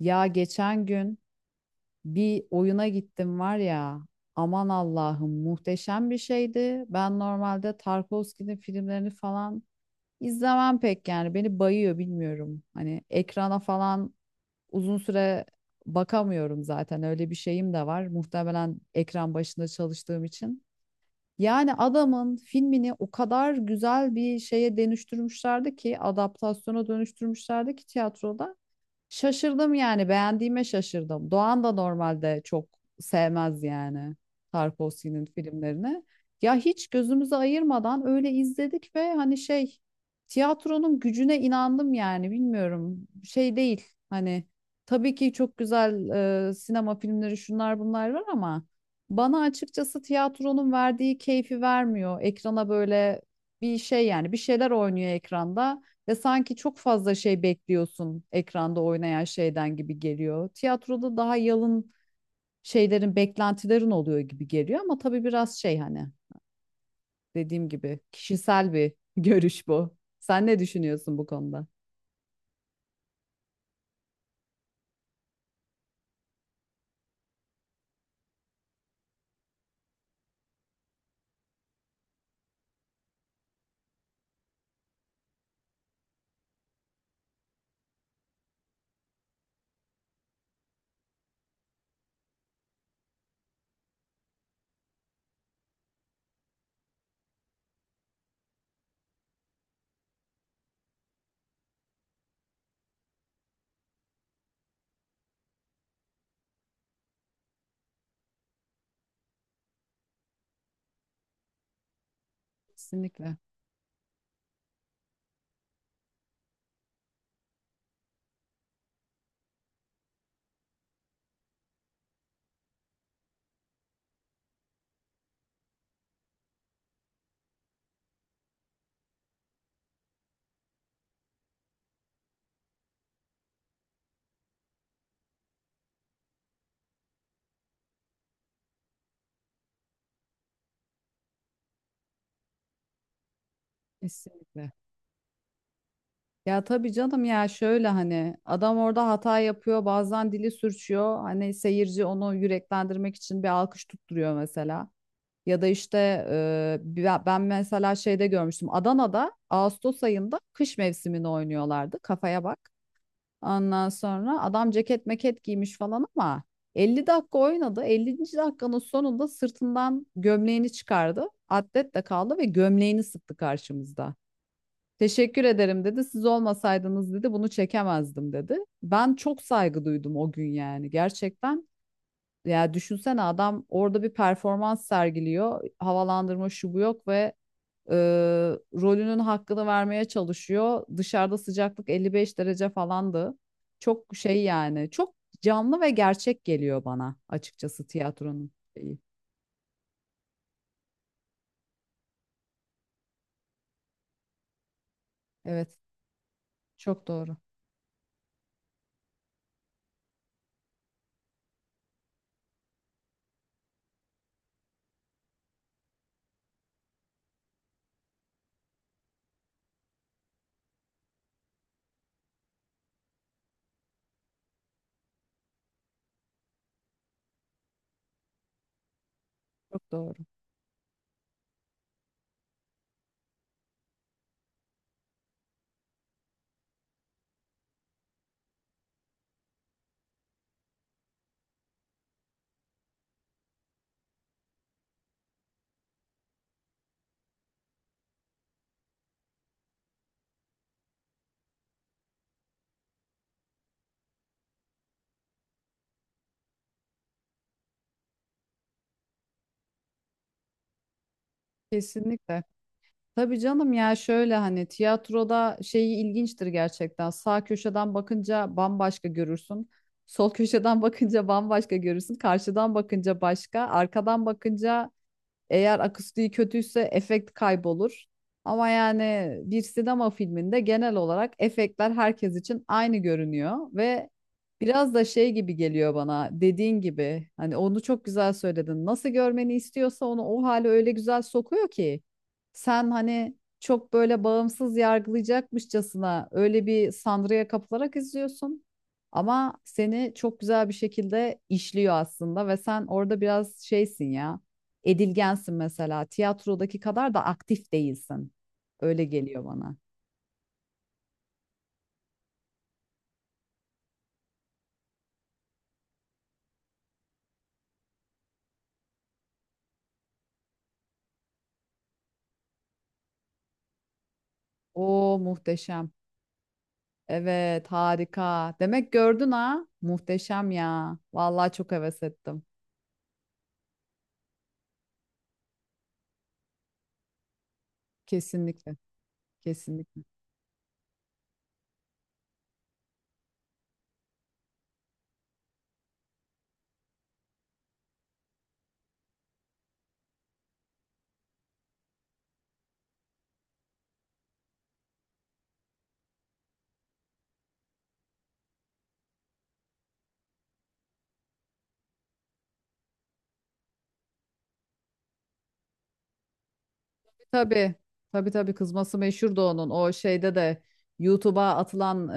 Ya geçen gün bir oyuna gittim var ya. Aman Allah'ım muhteşem bir şeydi. Ben normalde Tarkovski'nin filmlerini falan izlemem pek yani. Beni bayıyor bilmiyorum. Hani ekrana falan uzun süre bakamıyorum zaten. Öyle bir şeyim de var. Muhtemelen ekran başında çalıştığım için. Yani adamın filmini o kadar güzel bir şeye dönüştürmüşlerdi ki, adaptasyona dönüştürmüşlerdi ki tiyatroda. Şaşırdım yani beğendiğime şaşırdım. Doğan da normalde çok sevmez yani Tarkovski'nin filmlerini. Ya hiç gözümüzü ayırmadan öyle izledik ve hani şey tiyatronun gücüne inandım yani bilmiyorum şey değil hani tabii ki çok güzel sinema filmleri şunlar bunlar var ama bana açıkçası tiyatronun verdiği keyfi vermiyor. Ekrana böyle bir şey yani bir şeyler oynuyor ekranda. Ve sanki çok fazla şey bekliyorsun ekranda oynayan şeyden gibi geliyor. Tiyatroda daha yalın şeylerin, beklentilerin oluyor gibi geliyor ama tabii biraz şey hani dediğim gibi kişisel bir görüş bu. Sen ne düşünüyorsun bu konuda? Kesinlikle, kesinlikle. Ya tabii canım ya şöyle hani adam orada hata yapıyor, bazen dili sürçüyor. Hani seyirci onu yüreklendirmek için bir alkış tutturuyor mesela. Ya da işte ben mesela şeyde görmüştüm. Adana'da Ağustos ayında kış mevsimini oynuyorlardı. Kafaya bak. Ondan sonra adam ceket meket giymiş falan ama 50 dakika oynadı. 50. dakikanın sonunda sırtından gömleğini çıkardı. Atlet de kaldı ve gömleğini sıktı karşımızda. Teşekkür ederim dedi. Siz olmasaydınız dedi bunu çekemezdim dedi. Ben çok saygı duydum o gün yani. Gerçekten ya düşünsene adam orada bir performans sergiliyor. Havalandırma şu bu yok ve e, rolünün hakkını vermeye çalışıyor. Dışarıda sıcaklık 55 derece falandı. Çok şey yani çok canlı ve gerçek geliyor bana açıkçası tiyatronun şeyi. Evet çok doğru çok doğru kesinlikle. Tabii canım ya şöyle hani tiyatroda şeyi ilginçtir gerçekten. Sağ köşeden bakınca bambaşka görürsün. Sol köşeden bakınca bambaşka görürsün. Karşıdan bakınca başka. Arkadan bakınca eğer akustiği kötüyse efekt kaybolur. Ama yani bir sinema filminde genel olarak efektler herkes için aynı görünüyor ve biraz da şey gibi geliyor bana dediğin gibi hani onu çok güzel söyledin. Nasıl görmeni istiyorsa onu o hale öyle güzel sokuyor ki sen hani çok böyle bağımsız yargılayacakmışçasına öyle bir sanrıya kapılarak izliyorsun. Ama seni çok güzel bir şekilde işliyor aslında ve sen orada biraz şeysin ya edilgensin mesela. Tiyatrodaki kadar da aktif değilsin. Öyle geliyor bana. O muhteşem. Evet, harika. Demek gördün ha? Muhteşem ya. Vallahi çok heves ettim. Kesinlikle. Kesinlikle. Tabii. Tabii tabii kızması meşhurdu onun. O şeyde de YouTube'a atılan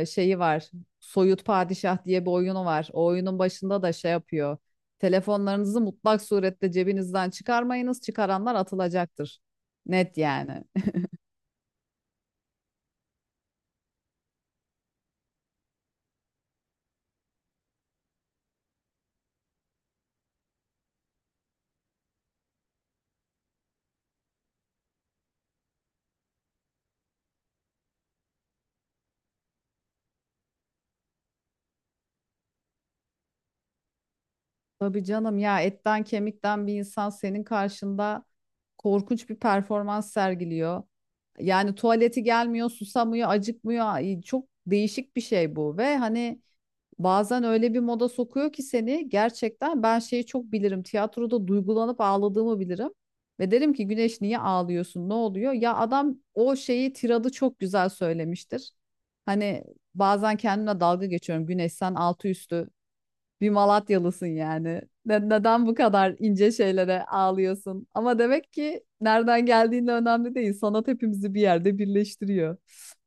şeyi var. Soyut Padişah diye bir oyunu var. O oyunun başında da şey yapıyor. Telefonlarınızı mutlak surette cebinizden çıkarmayınız. Çıkaranlar atılacaktır. Net yani. Tabii canım ya etten kemikten bir insan senin karşında korkunç bir performans sergiliyor. Yani tuvaleti gelmiyor, susamıyor, acıkmıyor. Ay, çok değişik bir şey bu ve hani bazen öyle bir moda sokuyor ki seni gerçekten ben şeyi çok bilirim. Tiyatroda duygulanıp ağladığımı bilirim. Ve derim ki Güneş niye ağlıyorsun? Ne oluyor? Ya adam o şeyi tiradı çok güzel söylemiştir. Hani bazen kendimle dalga geçiyorum. Güneş sen altı üstü bir Malatyalısın yani. Neden bu kadar ince şeylere ağlıyorsun? Ama demek ki nereden geldiğin de önemli değil. Sanat hepimizi bir yerde birleştiriyor.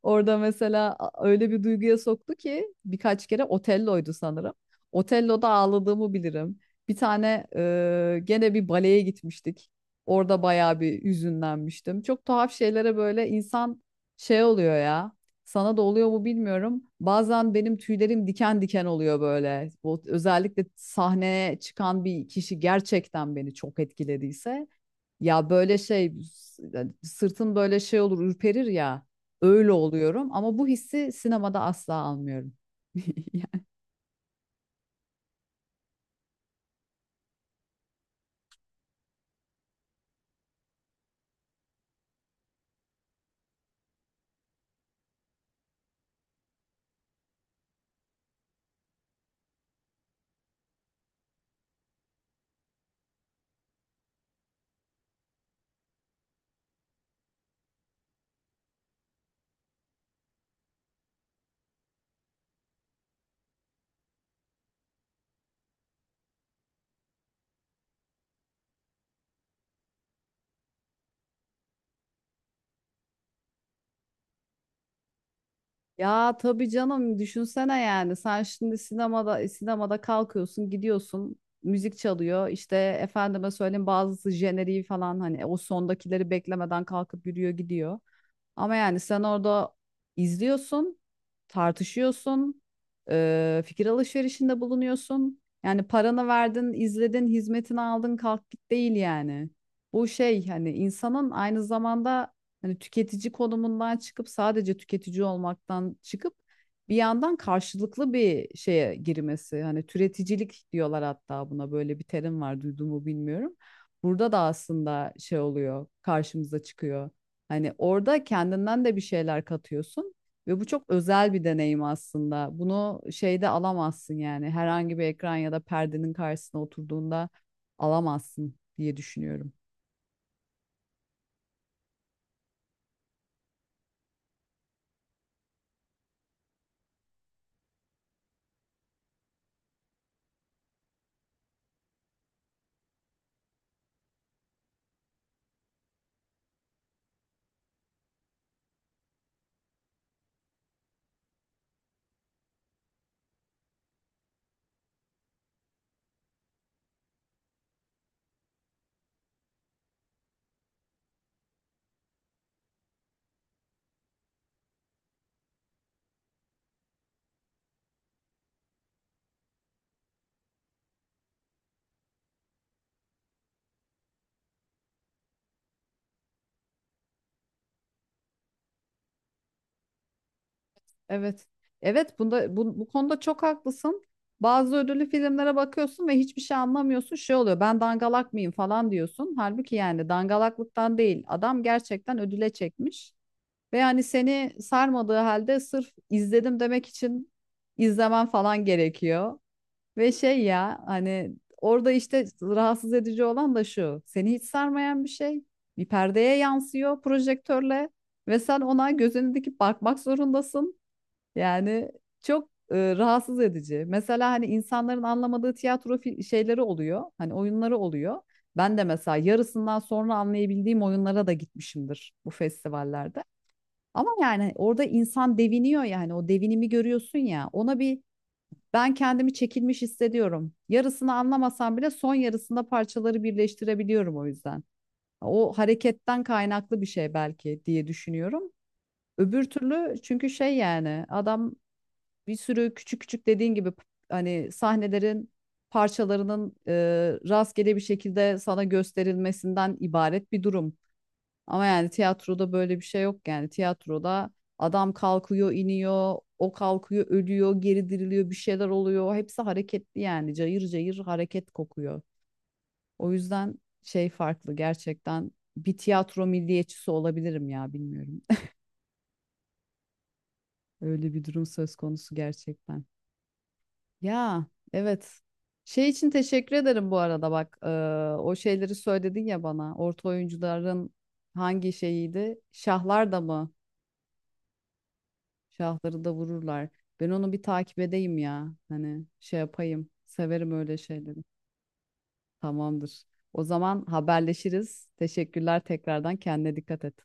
Orada mesela öyle bir duyguya soktu ki birkaç kere Otello'ydu sanırım. Otello'da ağladığımı bilirim. Bir tane gene bir baleye gitmiştik. Orada bayağı bir hüzünlenmiştim. Çok tuhaf şeylere böyle insan şey oluyor ya. Sana da oluyor mu bilmiyorum. Bazen benim tüylerim diken diken oluyor böyle. O, özellikle sahneye çıkan bir kişi gerçekten beni çok etkilediyse. Ya böyle şey yani sırtım böyle şey olur ürperir ya. Öyle oluyorum ama bu hissi sinemada asla almıyorum. Ya tabii canım düşünsene yani sen şimdi sinemada sinemada kalkıyorsun gidiyorsun müzik çalıyor işte efendime söyleyeyim bazısı jeneriği falan hani o sondakileri beklemeden kalkıp yürüyor gidiyor. Ama yani sen orada izliyorsun, tartışıyorsun, fikir alışverişinde bulunuyorsun. Yani paranı verdin, izledin, hizmetini aldın, kalk git değil yani. Bu şey hani insanın aynı zamanda hani tüketici konumundan çıkıp sadece tüketici olmaktan çıkıp bir yandan karşılıklı bir şeye girmesi. Hani türeticilik diyorlar hatta buna böyle bir terim var duydun mu bilmiyorum. Burada da aslında şey oluyor, karşımıza çıkıyor. Hani orada kendinden de bir şeyler katıyorsun ve bu çok özel bir deneyim aslında. Bunu şeyde alamazsın yani herhangi bir ekran ya da perdenin karşısına oturduğunda alamazsın diye düşünüyorum. Evet. Evet bunda bu, bu konuda çok haklısın. Bazı ödüllü filmlere bakıyorsun ve hiçbir şey anlamıyorsun. Şey oluyor ben dangalak mıyım falan diyorsun. Halbuki yani dangalaklıktan değil. Adam gerçekten ödüle çekmiş. Ve hani seni sarmadığı halde sırf izledim demek için izlemen falan gerekiyor. Ve şey ya hani orada işte rahatsız edici olan da şu. Seni hiç sarmayan bir şey bir perdeye yansıyor projektörle ve sen ona gözünü dikip bakmak zorundasın. Yani çok rahatsız edici. Mesela hani insanların anlamadığı tiyatro şeyleri oluyor. Hani oyunları oluyor. Ben de mesela yarısından sonra anlayabildiğim oyunlara da gitmişimdir bu festivallerde. Ama yani orada insan deviniyor yani o devinimi görüyorsun ya ona bir ben kendimi çekilmiş hissediyorum. Yarısını anlamasam bile son yarısında parçaları birleştirebiliyorum o yüzden. O hareketten kaynaklı bir şey belki diye düşünüyorum. Öbür türlü çünkü şey yani adam bir sürü küçük küçük dediğin gibi hani sahnelerin parçalarının rastgele bir şekilde sana gösterilmesinden ibaret bir durum. Ama yani tiyatroda böyle bir şey yok yani. Tiyatroda adam kalkıyor, iniyor, o kalkıyor, ölüyor, geri diriliyor, bir şeyler oluyor. Hepsi hareketli yani. Cayır cayır hareket kokuyor. O yüzden şey farklı gerçekten. Bir tiyatro milliyetçisi olabilirim ya bilmiyorum. Öyle bir durum söz konusu gerçekten. Ya evet. Şey için teşekkür ederim bu arada bak. O şeyleri söyledin ya bana. Orta oyuncuların hangi şeyiydi? Şahlar da mı? Şahları da vururlar. Ben onu bir takip edeyim ya. Hani şey yapayım. Severim öyle şeyleri. Tamamdır. O zaman haberleşiriz. Teşekkürler tekrardan. Kendine dikkat et.